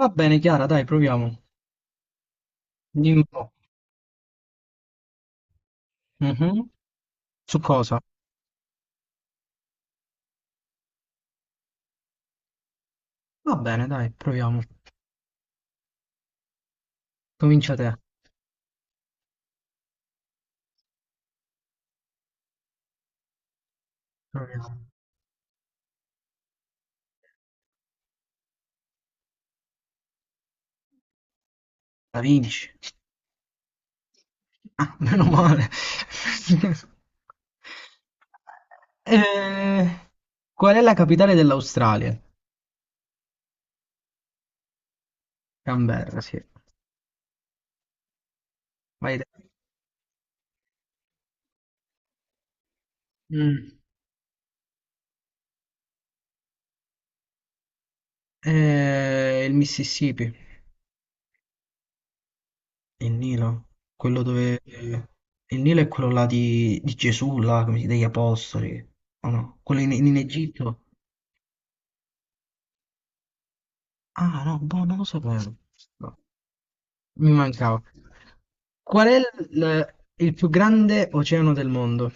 Va bene, Chiara, dai, proviamo. Dimmi un po'. Mhm. Su cosa? Va bene, dai, proviamo. Comincia te. Proviamo. La vinci. Ah, meno male. Eh, Qual è la capitale dell'Australia? Canberra, sì. Vai te. Mm. Il Mississippi. Il Nilo. Quello dove... il Nilo è quello là di Gesù, là, come si- degli apostoli. O no? Quello in Egitto. Ah, no, boh, non lo sapevo. No, mi mancava. Qual è il più grande oceano del mondo?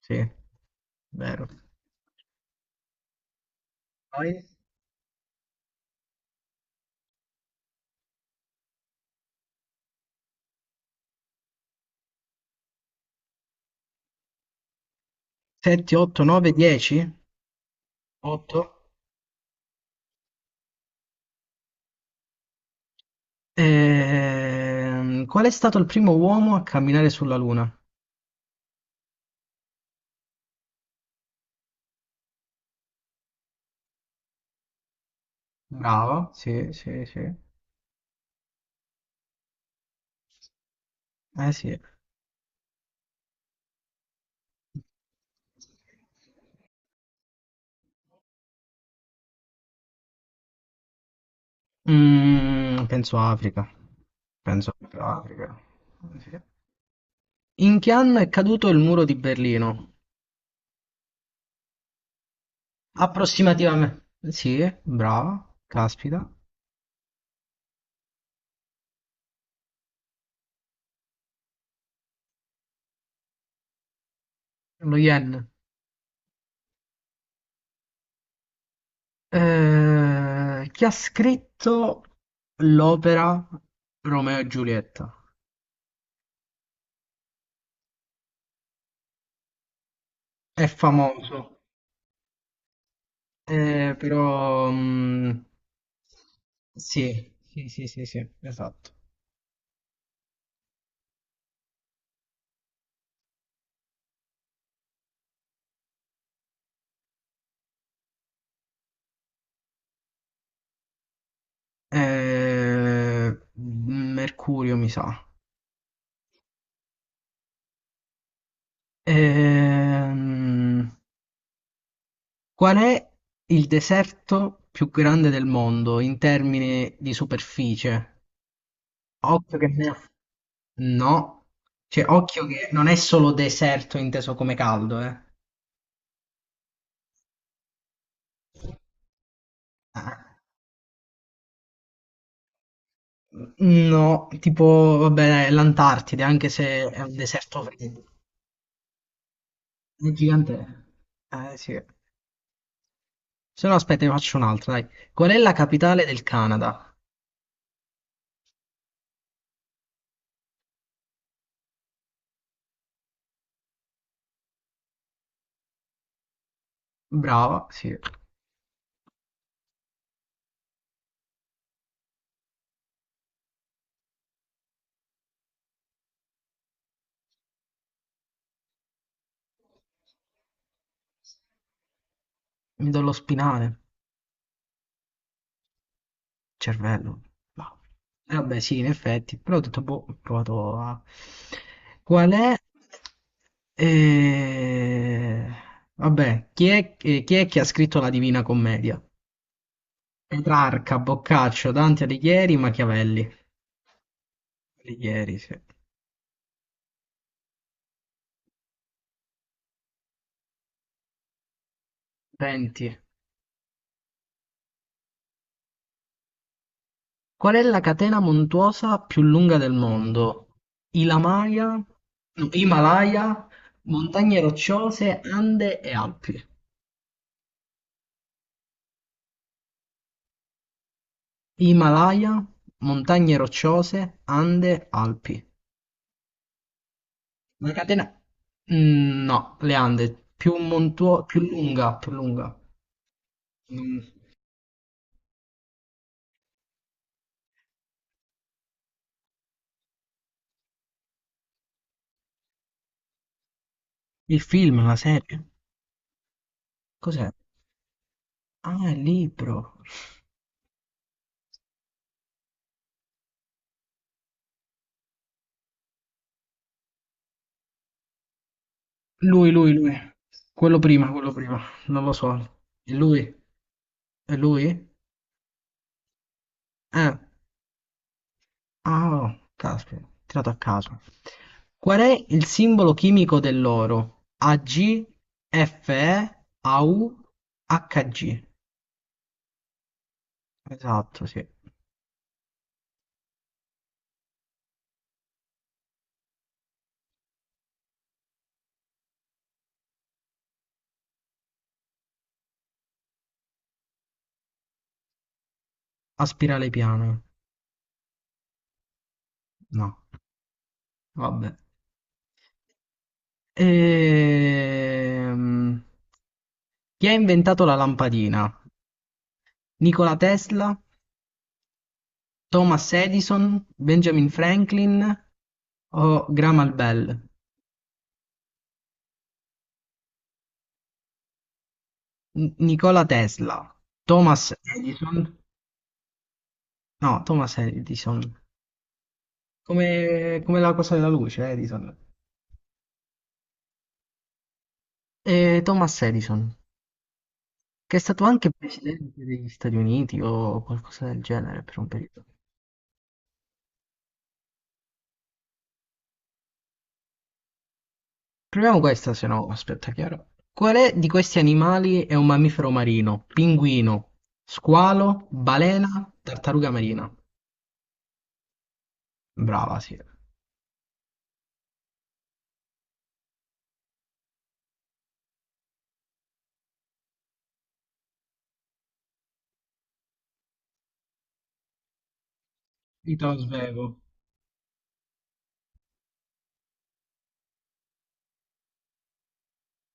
Sì, vero. Poi 7, 8, 9, 10? 8. Qual è stato il primo uomo a camminare sulla Luna? Bravo. Sì, sì, sì. Eh sì. Mm, penso Africa. Penso proprio Africa. Sì. In che anno è caduto il muro di Berlino? Approssimativame sì, brava, caspita. Lo Yen. Chi ha scritto l'opera Romeo e Giulietta? È famoso, però... mm, sì, sì, sì, sì, sì, esatto. Eh, Mercurio, mi sa. Ehm, Qual è il deserto più grande del mondo in termini di superficie? Occhio che ne ha- No, cioè occhio che non è solo deserto inteso come caldo, eh. Ah, no, tipo, vabbè, l'Antartide, anche se è un deserto freddo. È gigante. Eh sì. Se no aspetta, ne faccio un'altra, dai. Qual è la capitale del Canada? Brava, sì. Mi do lo spinale. Cervello, ma eh vabbè sì, in effetti, però ho detto, boh, ho provato a... Qual è? Eh, Vabbè, chi è che ha scritto la Divina Commedia? Petrarca, Boccaccio, Dante Alighieri, Machiavelli. Alighieri, sì. 20. Qual è la catena montuosa più lunga del mondo? Ilamaya, no, Himalaya, Montagne Rocciose, Ande e Alpi. Himalaya, montagne rocciose, Ande, Alpi. La catena... Mm, no, le Ande, più montuo- più lunga, più lunga. Mm, il film, la serie. Cos'è? Ah, il libro. Lui. Quello prima. Non lo so. È lui? È lui? Eh. Ah, caspita, tirato a caso. Qual è il simbolo chimico dell'oro? Ag, Fe, Au, Hg. Esatto, sì. A spirale piana. No, vabbè. Ehm, Chi ha inventato la lampadina? Nikola Tesla, Thomas Edison, Benjamin Franklin o Graham Bell? N- Nikola Tesla, Thomas Edison, no, Thomas Edison. Come la cosa della luce, Edison. Thomas Edison, che è stato anche presidente degli Stati Uniti o qualcosa del genere per un periodo. Proviamo questa, se no, aspetta, chiaro. Quale di questi animali è un mammifero marino? Pinguino, squalo, balena, tartaruga marina. Brava, sì. Io te lo svelo.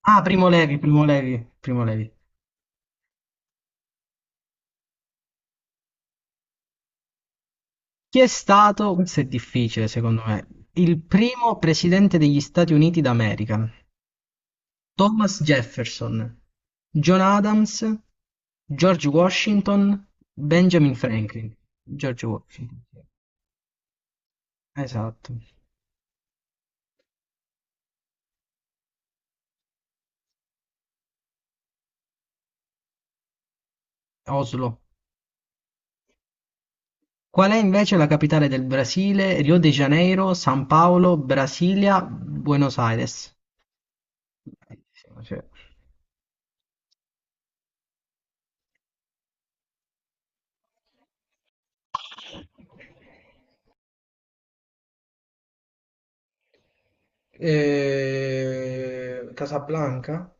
Ah, Primo Levi. Chi è stato, questo è difficile secondo me, il primo presidente degli Stati Uniti d'America? Thomas Jefferson, John Adams, George Washington, Benjamin Franklin. George Washington, sì. Esatto. Oslo. Qual è invece la capitale del Brasile? Rio de Janeiro, San Paolo, Brasilia, Buenos Aires. Bellissimo, cioè. Casablanca?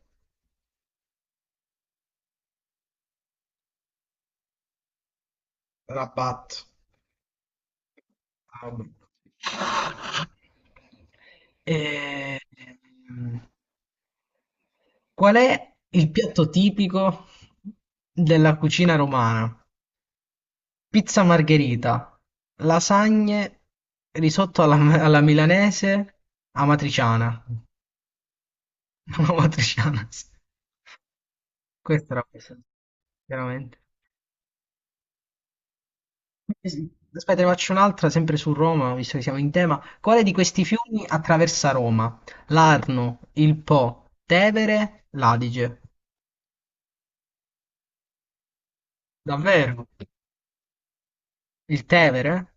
Rabat. Ah, vabbè. Eh, ehm, Qual è il piatto tipico della cucina romana? Pizza margherita, lasagne, risotto alla milanese, amatriciana. Amatriciana, sì. Questa era questa, chiaramente. Aspetta, ne faccio un'altra, sempre su Roma, visto che siamo in tema. Quale di questi fiumi attraversa Roma? L'Arno, il Po, Tevere, l'Adige. Davvero? Il Tevere?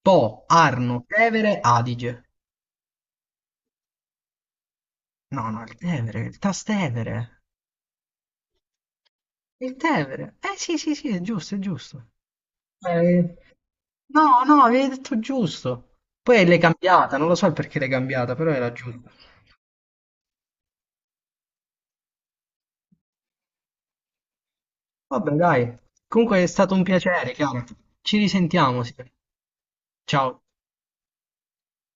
Po, Arno, Tevere, Adige. No, no, il Tevere, il Trastevere. Il Tevere. Eh sì, sì, sì, è giusto, è giusto. Eh, No, no, avevi detto giusto. Poi l'hai cambiata, non lo so il perché l'hai cambiata, però era giusto. Vabbè, dai. Comunque è stato un piacere, Chiara. Ci risentiamo, sì. Ciao.